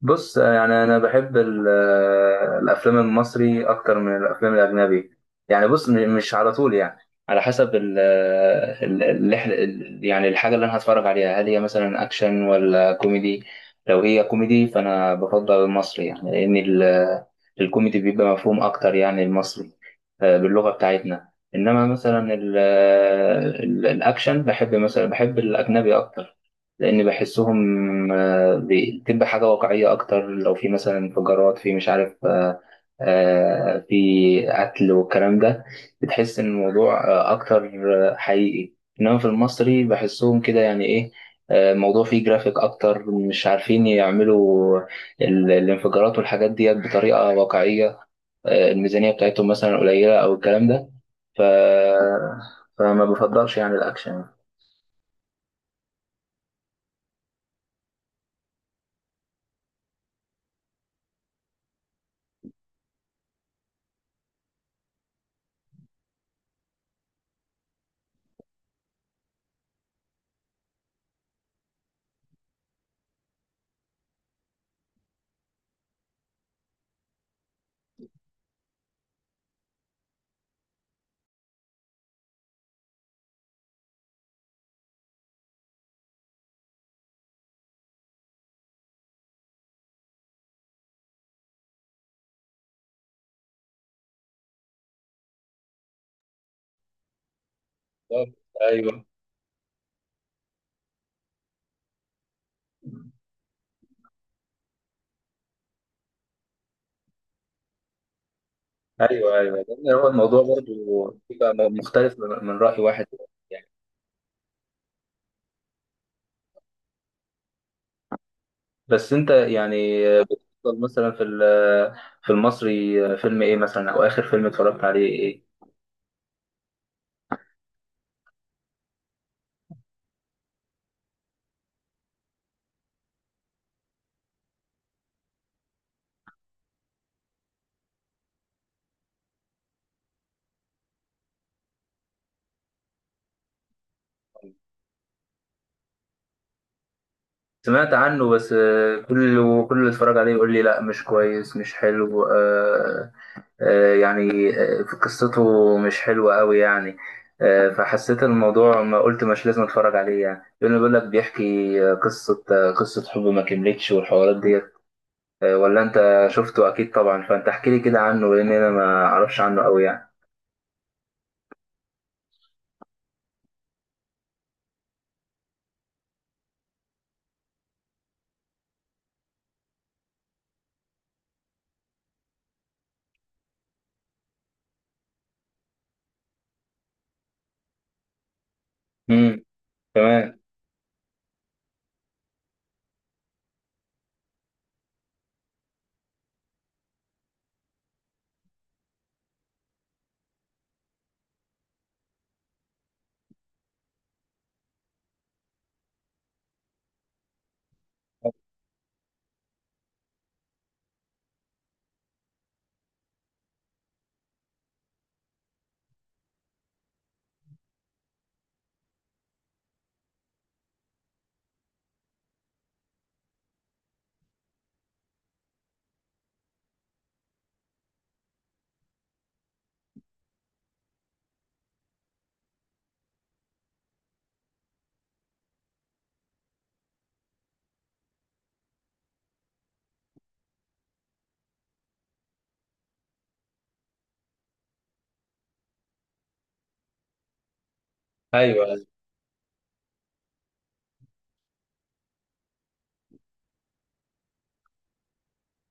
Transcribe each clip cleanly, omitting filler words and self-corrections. بص يعني انا بحب الافلام المصري اكتر من الافلام الاجنبي. يعني بص، مش على طول يعني. على حسب ال آه، ال- اللي إحنا- ال- يعني الحاجه اللي انا هتفرج عليها، هل هي مثلا اكشن ولا كوميدي؟ لو هي كوميدي فانا بفضل المصري يعني، لان الكوميدي بيبقى مفهوم اكتر، يعني المصري باللغه بتاعتنا. انما مثلا الاكشن بحب مثلا، بحب الاجنبي اكتر، لان بحسهم دي تبقى حاجة واقعية أكتر. لو في مثلا انفجارات في مش عارف في قتل والكلام ده، بتحس إن الموضوع أكتر حقيقي. إنما في المصري بحسهم كده يعني إيه، الموضوع فيه جرافيك أكتر، مش عارفين يعملوا الانفجارات والحاجات دي بطريقة واقعية. الميزانية بتاعتهم مثلا قليلة أو الكلام ده. ف... فما بفضلش يعني الأكشن. بالظبط، ايوه. ايوه، ايوه لان هو الموضوع برضو بيبقى مختلف من من راي واحد يعني. بس انت يعني بتفضل مثلا في في المصري فيلم ايه مثلا، او اخر فيلم اتفرجت عليه ايه؟ سمعت عنه، بس كل كل اللي اتفرج عليه يقول لي لا مش كويس، مش حلو. يعني في قصته مش حلوه قوي يعني. فحسيت الموضوع ما قلت مش لازم اتفرج عليه يعني. يقول لك بيحكي قصه، قصه حب ما كملتش والحوارات دي. ولا انت شفته اكيد طبعا، فانت احكي لي كده عنه لان انا ما اعرفش عنه قوي يعني. امم، تمام. ايوه.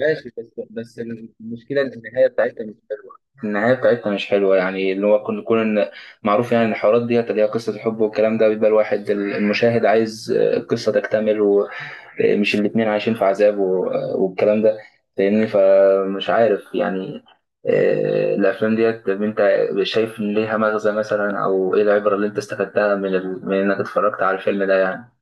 ماشي، بس المشكله ان النهايه بتاعتها مش حلوه. النهايه بتاعتها مش حلوه يعني، اللي هو كنا نكون معروف يعني إن الحوارات ديت اللي هي قصه الحب والكلام ده، بيبقى الواحد المشاهد عايز القصه تكتمل، مش الاتنين عايشين في عذاب والكلام ده، فاهمني؟ فمش عارف يعني. الافلام ديت، طب انت شايف ان ليها مغزى مثلا، او ايه العبره اللي انت استفدتها من من انك اتفرجت على الفيلم ده يعني؟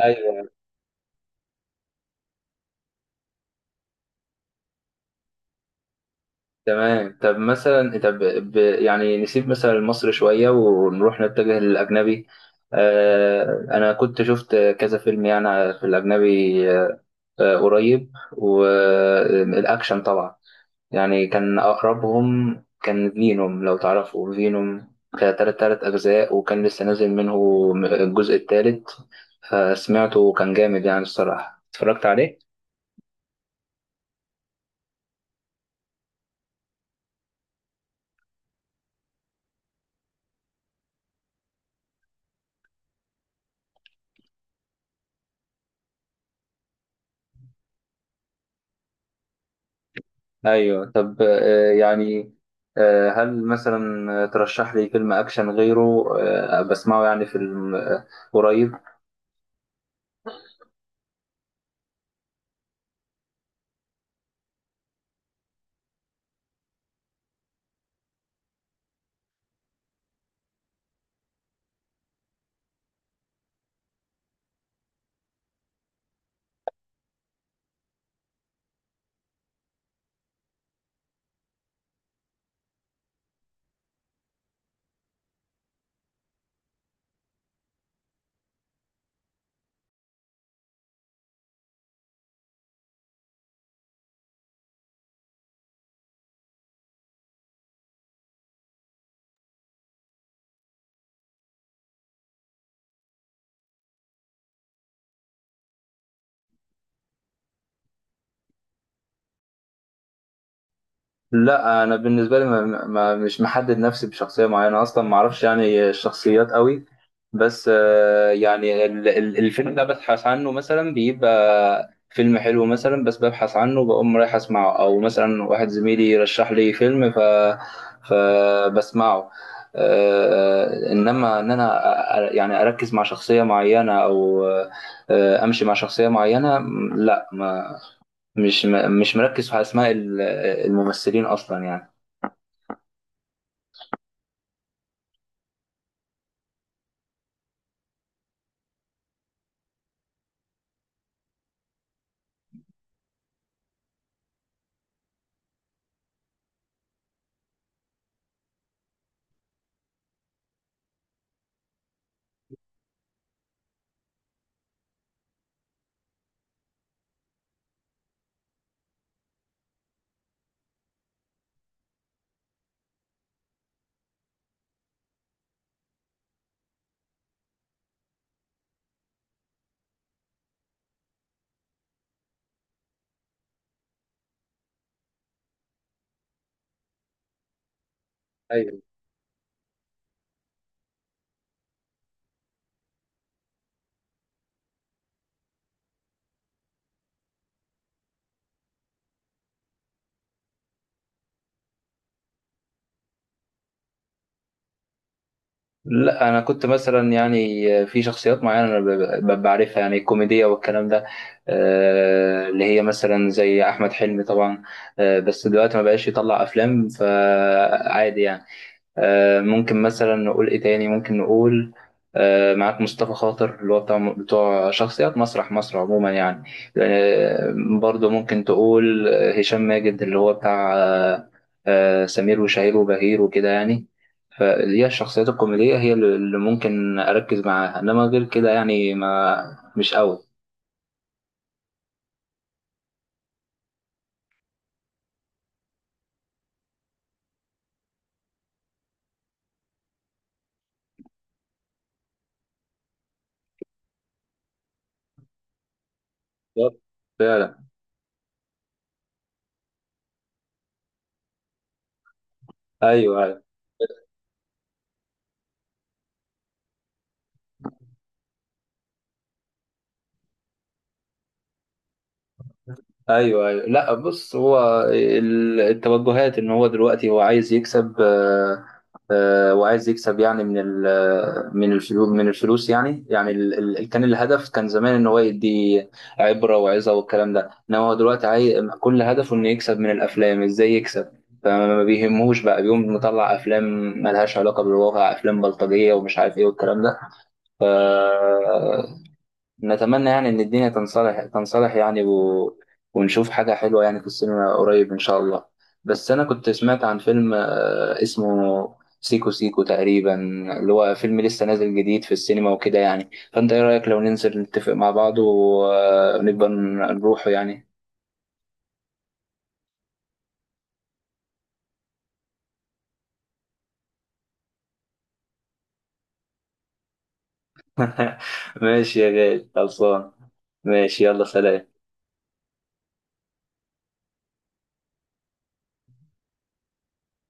ايوه، تمام. طب مثلا طب يعني نسيب مثلا مصر شويه ونروح نتجه للاجنبي. انا كنت شفت كذا فيلم يعني في الاجنبي قريب، والاكشن طبعا يعني كان أقربهم. كان فينوم، لو تعرفوا فينوم. كان تلات أجزاء، وكان لسه نازل منه الجزء التالت. فسمعته وكان جامد يعني الصراحة. اتفرجت عليه؟ أيوه. طب يعني هل مثلا ترشح لي فيلم أكشن غيره بسمعه يعني في قريب؟ لا انا بالنسبه لي ما مش محدد نفسي بشخصيه معينه، اصلا ما اعرفش يعني الشخصيات قوي. بس يعني الفيلم ده ببحث عنه مثلا، بيبقى فيلم حلو مثلا بس ببحث عنه بقوم رايح اسمعه، او مثلا واحد زميلي رشح لي فيلم فبسمعه. انما ان انا يعني اركز مع شخصيه معينه، او امشي مع شخصيه معينه، لا. ما مش مش مركز في اسماء الممثلين اصلا يعني. ايوه. لا انا كنت مثلا يعني في شخصيات معينه انا بعرفها يعني الكوميديه والكلام ده. اللي هي مثلا زي احمد حلمي طبعا. بس دلوقتي ما بقاش يطلع افلام، فعادي يعني. ممكن مثلا نقول ايه تاني، ممكن نقول معاك مصطفى خاطر اللي هو بتاع بتوع شخصيات مسرح مصر عموما يعني. آه، برضه ممكن تقول هشام ماجد اللي هو بتاع سمير وشهير وبهير وكده يعني. فهي الشخصيات الكوميدية هي اللي ممكن أركز معاها، إنما غير كده يعني ما مش أوي. بالظبط، فعلا. أيوه. ايوه، ايوه لا بص هو التوجهات ان هو دلوقتي هو عايز يكسب. وعايز يكسب يعني من من الفلوس، من الفلوس يعني. يعني كان الهدف كان زمان ان هو يدي عبره وعظه والكلام ده، انما هو دلوقتي عايز كل هدفه انه يكسب من الافلام، ازاي يكسب. فما بيهمهوش بقى، بيقوم مطلع افلام ملهاش علاقه بالواقع، افلام بلطجيه ومش عارف ايه والكلام ده. ف نتمنى يعني إن الدنيا تنصلح، تنصلح يعني ونشوف حاجة حلوة يعني في السينما قريب إن شاء الله. بس أنا كنت سمعت عن فيلم اسمه سيكو سيكو تقريبا، اللي هو فيلم لسه نازل جديد في السينما وكده يعني. فأنت إيه رأيك لو ننزل نتفق مع بعض ونبقى نروحه يعني؟ ماشي يا غالي، خلصان. ماشي، يلا سلام.